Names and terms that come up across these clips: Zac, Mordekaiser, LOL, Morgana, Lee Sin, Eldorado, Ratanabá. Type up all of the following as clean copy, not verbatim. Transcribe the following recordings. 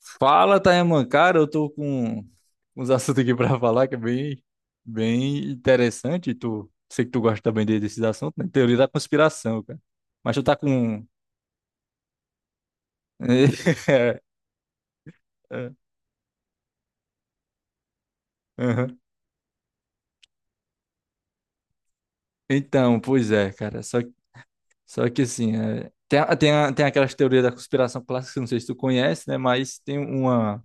Fala, Taeman. Cara, eu tô com uns assuntos aqui pra falar que é bem interessante. Tu, sei que tu gosta também desses assuntos, né? Teoria da conspiração, cara. Mas tu tá com. É, é, aham. Então, pois é, cara. Só que assim, tem aquelas teorias da conspiração clássicas, não sei se tu conhece, né? Mas tem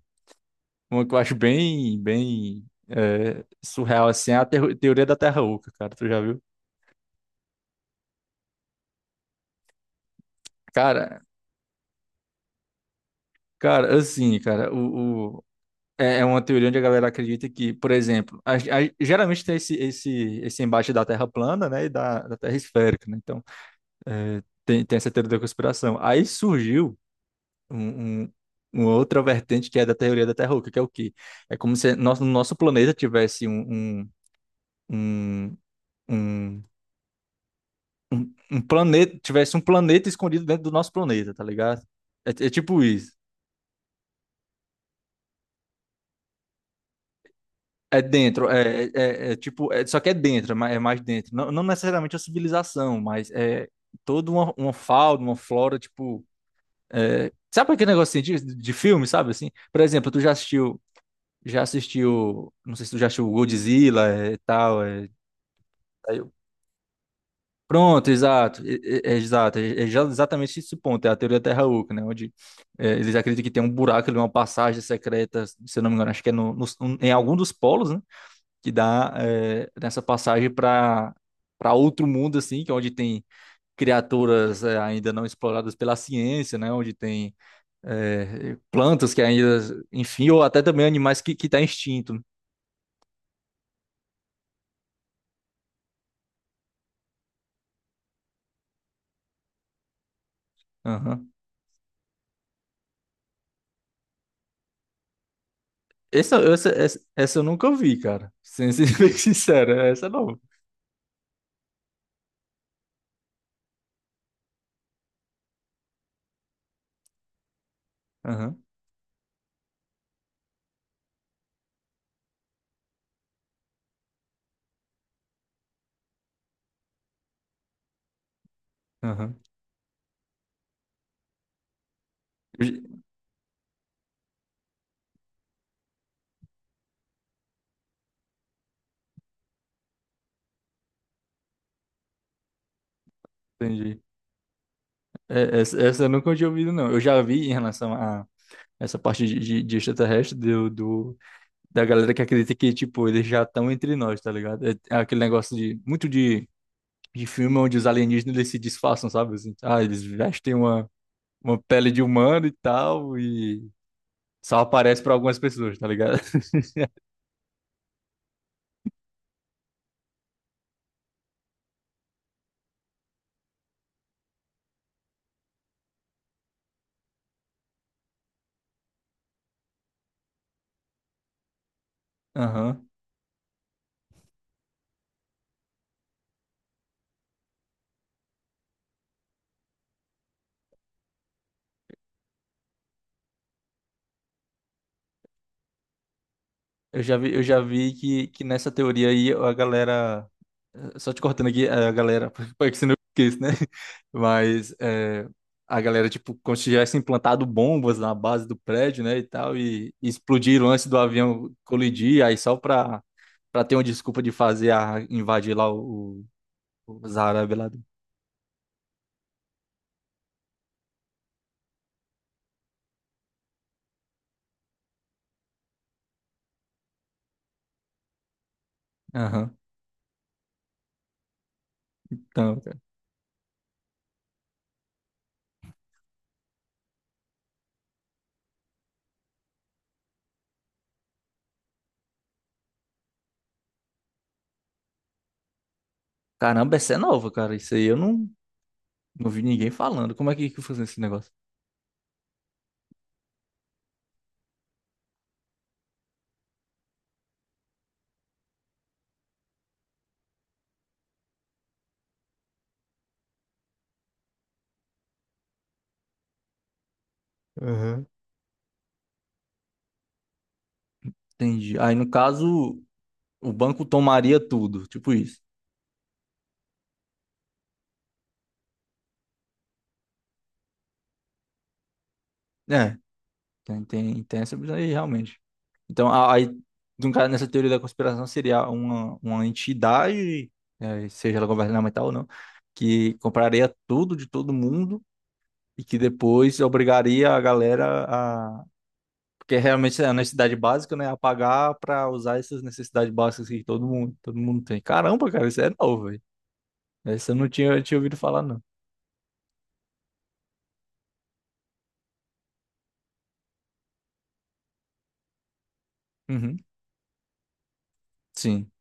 uma que eu acho bem surreal, assim, é a teoria da Terra Oca, cara. Tu já viu? Cara, cara, assim, cara, o, É é uma teoria onde a galera acredita que, por exemplo, geralmente tem esse embate da Terra plana, né, e da Terra esférica, né? Então, tem essa teoria da conspiração. Aí surgiu um, um- uma outra vertente que é da teoria da Terra Oca, que é o quê? É como se nosso planeta tivesse um, um, um, um, um um planeta, tivesse um planeta escondido dentro do nosso planeta, tá ligado? É, é tipo isso. É dentro, é, é, é- é tipo, é- Só que é dentro, é mais dentro. Não necessariamente a civilização, mas é toda uma fauna, uma flora, tipo. É, sabe aquele negocinho de filme, sabe assim? Por exemplo, já assistiu, não sei se tu já assistiu Godzilla e tal. Aí eu- Pronto, exato, e- é, exato, é, é já exatamente esse ponto, é a teoria da Terra Oca, né? Onde eles acreditam que tem um buraco ali, uma passagem secreta, se eu não me engano, acho que é em algum dos polos, né? Que dá nessa passagem para para outro mundo assim, que é onde tem criaturas ainda não exploradas pela ciência, né? Onde tem plantas que ainda, enfim, ou até também animais que tá extinto. Aham. Essa eu nunca vi, cara. Sendo bem sincero, essa é nova. Aham, aham. Eu já. Entendi. É, essa eu nunca tinha ouvido, não. Eu já vi em relação a essa parte de extraterrestre do da galera que acredita que, tipo, eles já estão entre nós, tá ligado? É, é aquele negócio de filme onde os alienígenas eles se disfarçam, sabe? Assim, ah, eles vestem uma pele de humano e tal, e só aparece pra algumas pessoas, tá ligado? Aham. Eu já vi que nessa teoria aí a galera. Só te cortando aqui, a galera, para que você não esqueça, né? Mas é, a galera, tipo, como se tivesse implantado bombas na base do prédio, né, e tal, e explodiram antes do avião colidir, pra ter uma desculpa de fazer a, invadir lá os árabes lá. Aham. Então, cara. Caramba, essa é nova, cara. Isso aí eu não, não vi ninguém falando. Como é que funciona esse negócio? Aham. Entendi. Aí, no caso, o banco tomaria tudo, tipo isso. É, tem essa visão aí, realmente. Então, aí, no caso, nessa teoria da conspiração, seria uma entidade, seja ela governamental ou não, que compraria tudo de todo mundo e que depois obrigaria a galera a. Porque realmente é a necessidade básica, né? A pagar para usar essas necessidades básicas que todo mundo tem. Caramba, cara, isso é novo, velho. Essa eu não tinha, tinha ouvido falar, não. Uhum. Sim.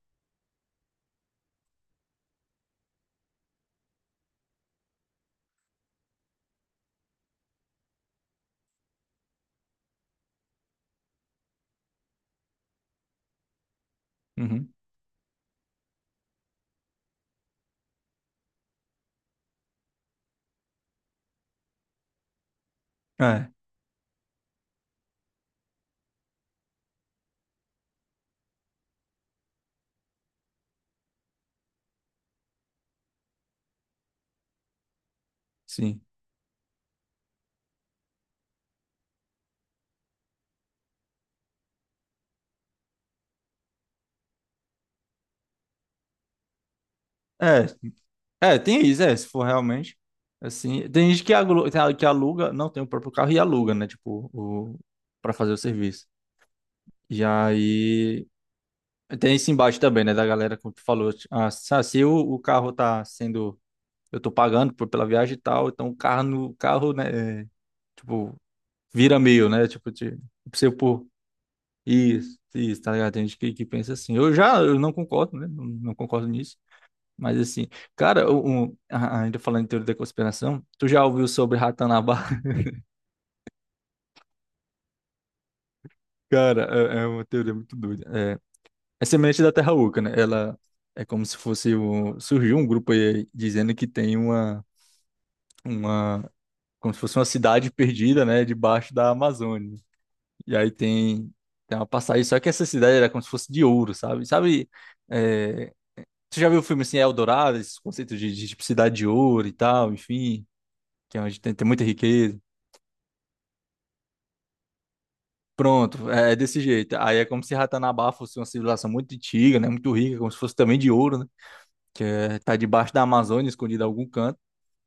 Uhum. É, sim. É, É, tem isso, é, se for realmente. Assim, tem gente que aluga, não tem o próprio carro e aluga, né? Tipo, o, pra fazer o serviço. E aí. Tem esse embate também, né? Da galera, como tu falou. Tipo, ah, se o carro tá sendo. Eu tô pagando pela viagem e tal, então o carro, no, carro, né? Tipo, vira meu, né? Tipo, te, se eu pôr. Isso, tá ligado? Tem gente que pensa assim. Eu já eu não concordo, né? Não concordo nisso. Mas assim, cara, ainda falando em teoria da conspiração, tu já ouviu sobre Ratanabá? Cara, é uma teoria muito doida. É, é semelhante da Terra Oca, né? Ela é como se fosse o, surgiu um grupo aí dizendo que tem uma, como se fosse uma cidade perdida, né, debaixo da Amazônia. E aí tem uma passagem, só que essa cidade era como se fosse de ouro, sabe? Sabe, é, tu já viu o filme assim, Eldorado, esses conceitos de tipo, cidade de ouro e tal, enfim, que é onde tem tem muita riqueza. Pronto, é é desse jeito. Aí é como se Ratanabá fosse uma civilização muito antiga, né? Muito rica, como se fosse também de ouro, né? Que é, tá debaixo da Amazônia, escondida em algum canto.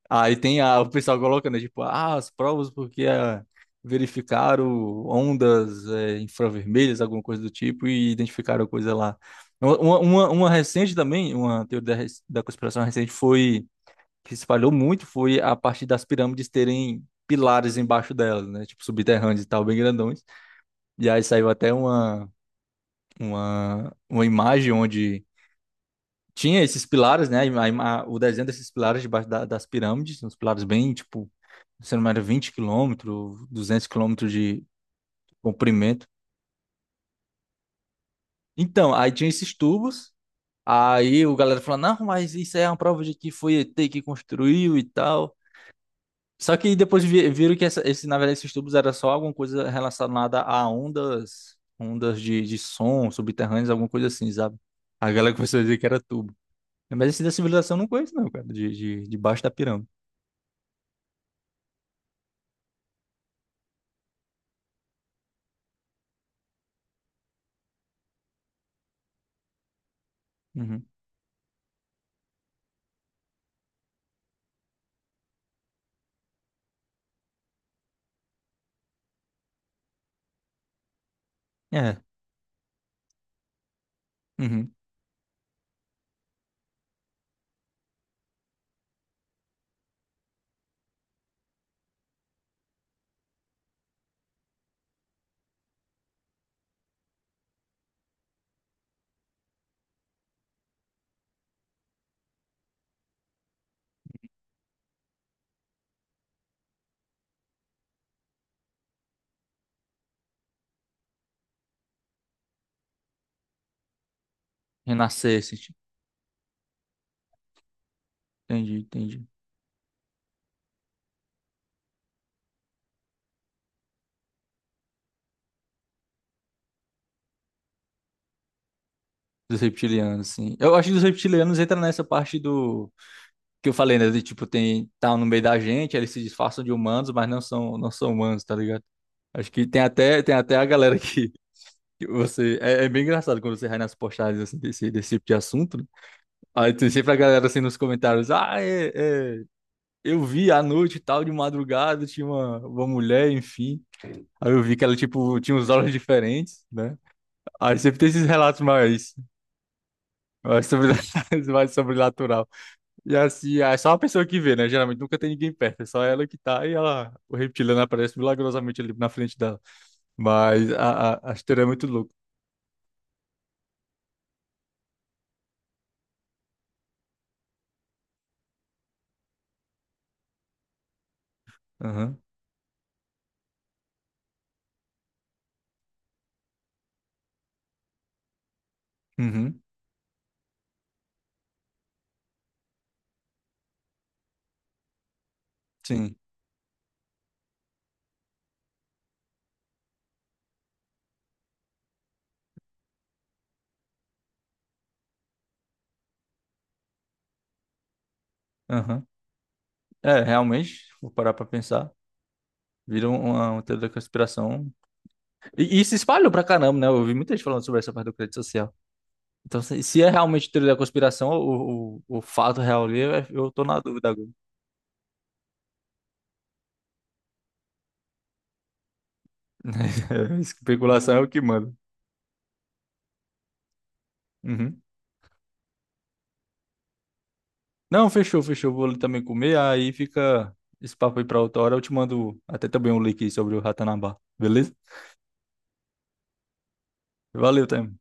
Aí tem a, o pessoal colocando, né? Tipo, ah, as provas porque verificaram ondas infravermelhas, alguma coisa do tipo, e identificaram coisa lá. Uma recente também, uma teoria da conspiração recente foi, que se espalhou muito, foi a partir das pirâmides terem pilares embaixo delas, né? Tipo, subterrâneos e tal, bem grandões. E aí saiu até uma imagem onde tinha esses pilares, né? O desenho desses pilares das pirâmides, uns pilares bem, tipo, se não me engano, 20 quilômetros, 200 quilômetros de comprimento. Então, aí tinha esses tubos, aí o galera falou, não, mas isso aí é uma prova de que foi ET que construiu e tal. Só que depois viram que esse, na verdade esses tubos era só alguma coisa relacionada a ondas, ondas de som subterrâneas, alguma coisa assim, sabe? A galera começou a dizer que era tubo. Mas esse da civilização eu não conheço, não, cara. Debaixo da pirâmide. Uhum. É. Uhum. Renascesse. Entendi, entendi. Dos reptilianos, sim. Eu acho que os reptilianos entra nessa parte do. Que eu falei, né? De tipo, tem. Tá no meio da gente, aí eles se disfarçam de humanos, mas não são, não são humanos, tá ligado? Acho que tem até a galera que. Que você, é, é bem engraçado quando você vai nas postagens assim, desse tipo de assunto. Né? Aí tem sempre a galera assim nos comentários: ah, eu vi à noite e tal, de madrugada, tinha uma mulher, enfim. Aí eu vi que ela, tipo, tinha uns olhos diferentes, né? Aí sempre tem esses relatos sobre, mais sobrenatural. E assim, é só uma pessoa que vê, né? Geralmente nunca tem ninguém perto, é só ela que tá e ela, o reptiliano aparece milagrosamente ali na frente dela. Mas a história é muito louca. Aham, uhum, sim, aham. É, realmente, vou parar pra pensar. Vira uma teoria da conspiração. E se espalhou pra caramba, né? Eu ouvi muita gente falando sobre essa parte do crédito social. Então, se é realmente teoria da conspiração, o fato real ali, eu tô na dúvida agora. Especulação é o que manda. Uhum. Não, fechou, fechou. Vou ali também comer, aí fica esse papo aí pra outra hora. Eu te mando até também um link sobre o Ratanabá, beleza? Valeu, Temo.